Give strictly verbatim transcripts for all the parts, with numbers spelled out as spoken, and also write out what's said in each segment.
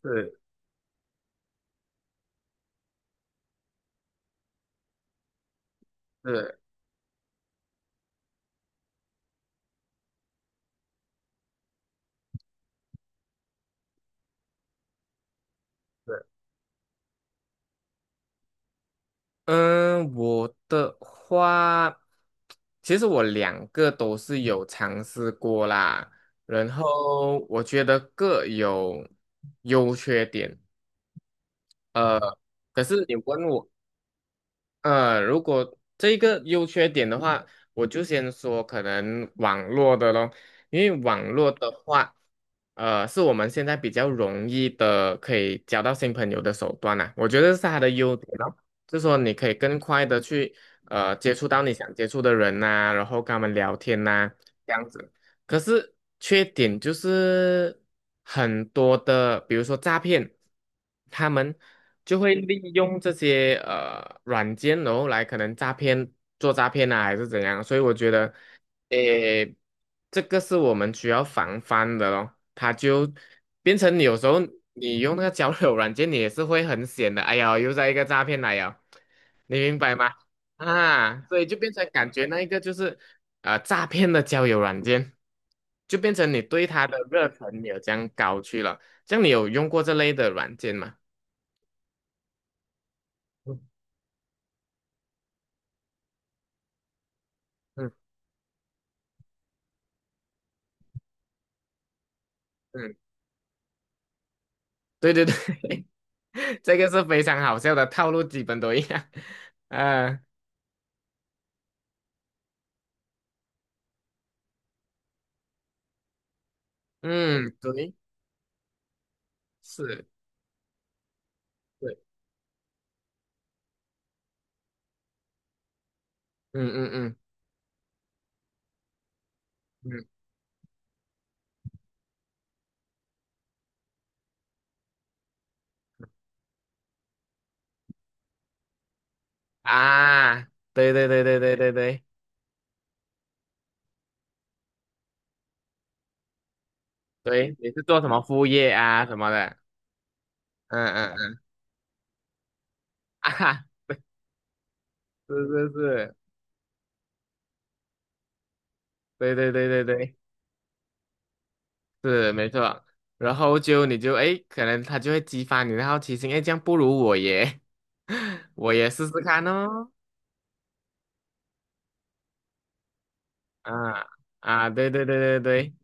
是是是，嗯，我的话，其实我两个都是有尝试过啦，然后我觉得各有优缺点，呃，可是你问我呃，如果这个优缺点的话，我就先说可能网络的咯，因为网络的话，呃，是我们现在比较容易的可以交到新朋友的手段啦、我觉得是它的优点咯，就是说你可以更快的去呃接触到你想接触的人呐、然后跟他们聊天呐、这样子。可是缺点就是很多的，比如说诈骗，他们。就会利用这些呃软件，然后来可能诈骗、做诈骗啊，还是怎样。所以我觉得，诶，这个是我们需要防范的咯。它就变成你有时候你用那个交友软件，你也是会很险的。哎呀，又在一个诈骗来了，你明白吗？啊，所以就变成感觉那一个就是呃诈骗的交友软件，就变成你对他的热忱没有这样高去了。像你有用过这类的软件吗？嗯嗯嗯。对对对，这个是非常好笑的套路，基本都一样。啊，嗯，对，是，对，嗯嗯嗯嗯啊，对对对对对对对对，你是做什么副业啊什么的？嗯嗯嗯啊哈，是是是，对对对对对，是没错。然后就你就诶，可能他就会激发你的好奇心，诶，这样不如我耶，我也试试看哦。啊啊，对对对对对，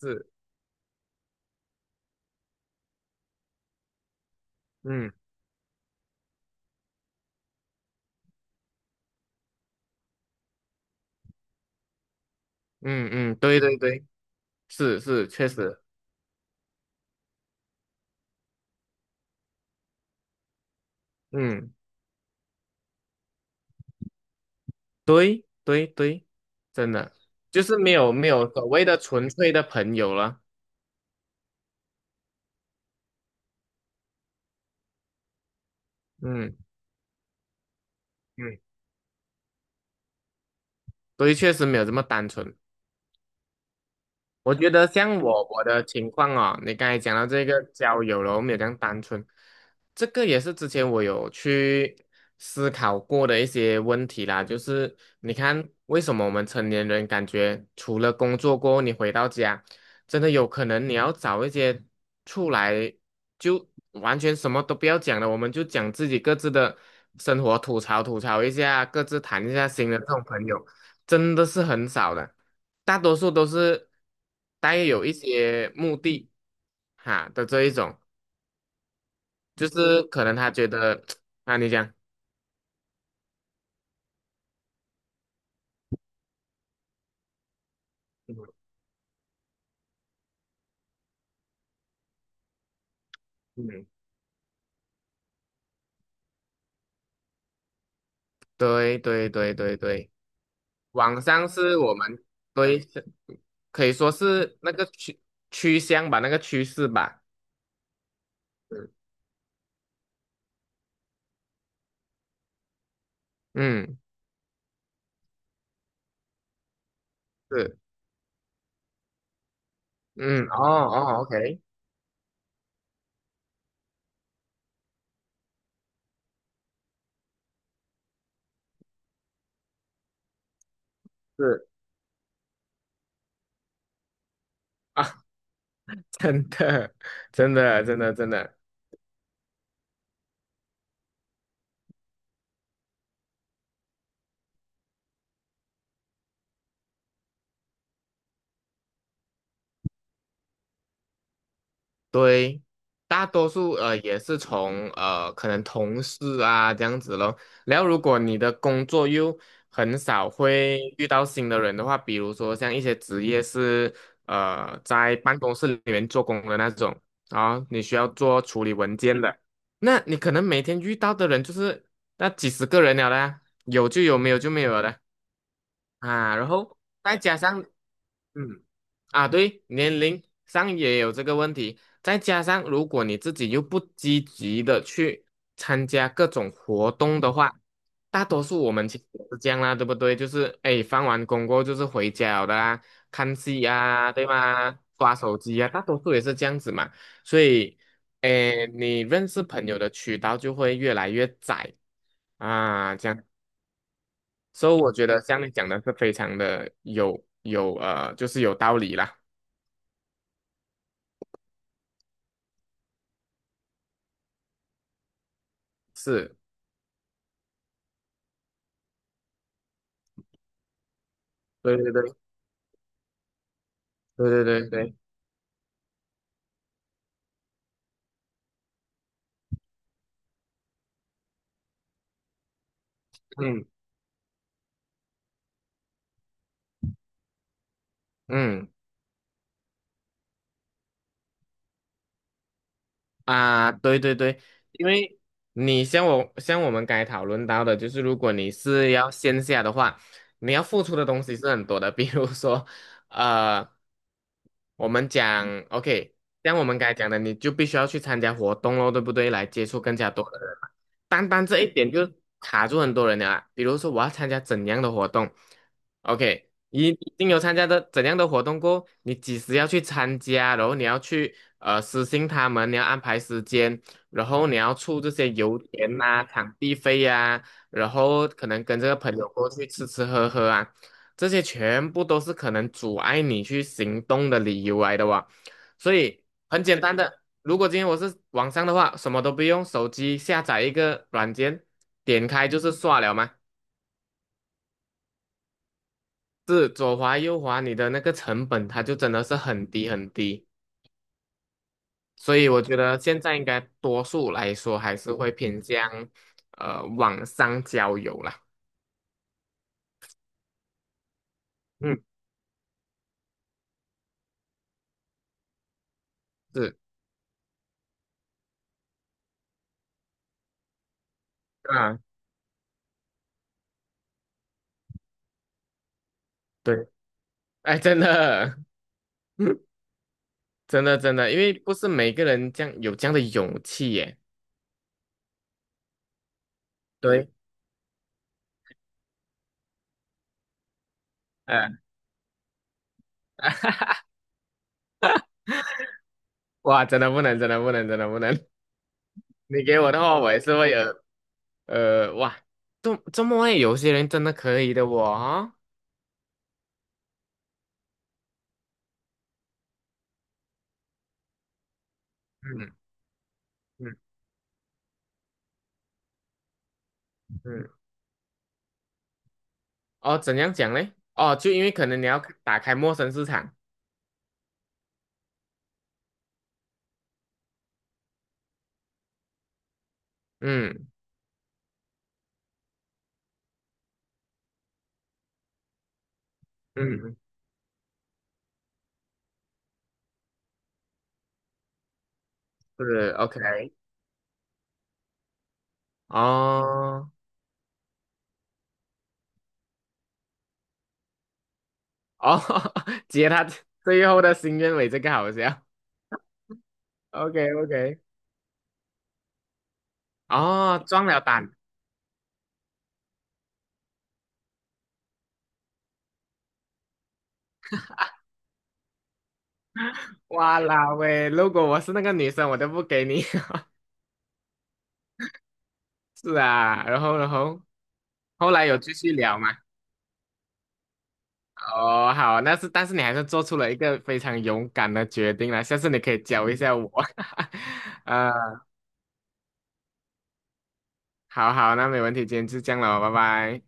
是，嗯嗯嗯，对对对。是是，确实，嗯，对对对，真的就是没有没有所谓的纯粹的朋友了，嗯嗯，所以确实没有这么单纯。我觉得像我我的情况哦，你刚才讲到这个交友了，我们有这样单纯，这个也是之前我有去思考过的一些问题啦。就是你看，为什么我们成年人感觉除了工作过后，你回到家，真的有可能你要找一些出来就完全什么都不要讲了，我们就讲自己各自的生活，吐槽吐槽一下，各自谈一下心的这种朋友。真的是很少的，大多数都是带有一些目的哈的这一种，就是可能他觉得 啊，你讲，嗯，对对对对对，网上是我们对是可以说是那个趋趋向吧，那个趋势吧，嗯嗯是嗯哦哦，OK 是啊，真的真的真的真的。对，大多数呃也是从呃可能同事啊这样子咯。然后如果你的工作又很少会遇到新的人的话，比如说像一些职业是呃在办公室里面做工的那种啊，你需要做处理文件的，那你可能每天遇到的人就是那几十个人了啦，有就有，没有就没有了啦啊。然后再加上嗯。啊，对，年龄上也有这个问题，再加上如果你自己又不积极的去参加各种活动的话，大多数我们其实也是这样啦，对不对？就是哎，放完工过后就是回家了的啦，看戏啊，对吗？刷手机啊，大多数也是这样子嘛。所以，哎，你认识朋友的渠道就会越来越窄啊，这样。所以我觉得像你讲的是非常的有有呃，就是有道理啦。是。对对对对对对对，嗯嗯啊，对对对，因为你像我像我们刚才讨论到的，就是如果你是要线下的话，你要付出的东西是很多的，比如说，呃，我们讲 OK，像我们刚才讲的，你就必须要去参加活动喽，对不对？来接触更加多的人嘛，单单这一点就卡住很多人了啊。比如说，我要参加怎样的活动？OK，一定有参加的怎样的活动过你几时要去参加，然后你要去呃私信他们，你要安排时间，然后你要出这些油钱呐、啊场地费呀、啊然后可能跟这个朋友过去吃吃喝喝啊，这些全部都是可能阻碍你去行动的理由来的哇。所以很简单的，如果今天我是网上的话，什么都不用，手机下载一个软件，点开就是刷了嘛。是左滑右滑，你的那个成本它就真的是很低很低，所以我觉得现在应该多数来说还是会偏向呃网上交友啦。嗯，是啊，对，哎，真的，真的真的，因为不是每个人这样有这样的勇气耶。对，呃，哇，真的不能，真的不能，真的不能。你给我的话，我也是会有呃，哇，这这么会有些人真的可以的我哦。嗯嗯嗯。哦，怎样讲嘞？哦，就因为可能你要打开陌生市场，嗯嗯，是 OK，哦哦，接他最后的心愿尾，这个好笑，OK OK，哦，撞了胆，哇啦喂，如果我是那个女生，我都不给你，是啊，然后然后后来有继续聊嘛？哦，好，那是但是你还是做出了一个非常勇敢的决定了，下次你可以教一下我，呃，好好，那没问题，今天就这样了，拜拜。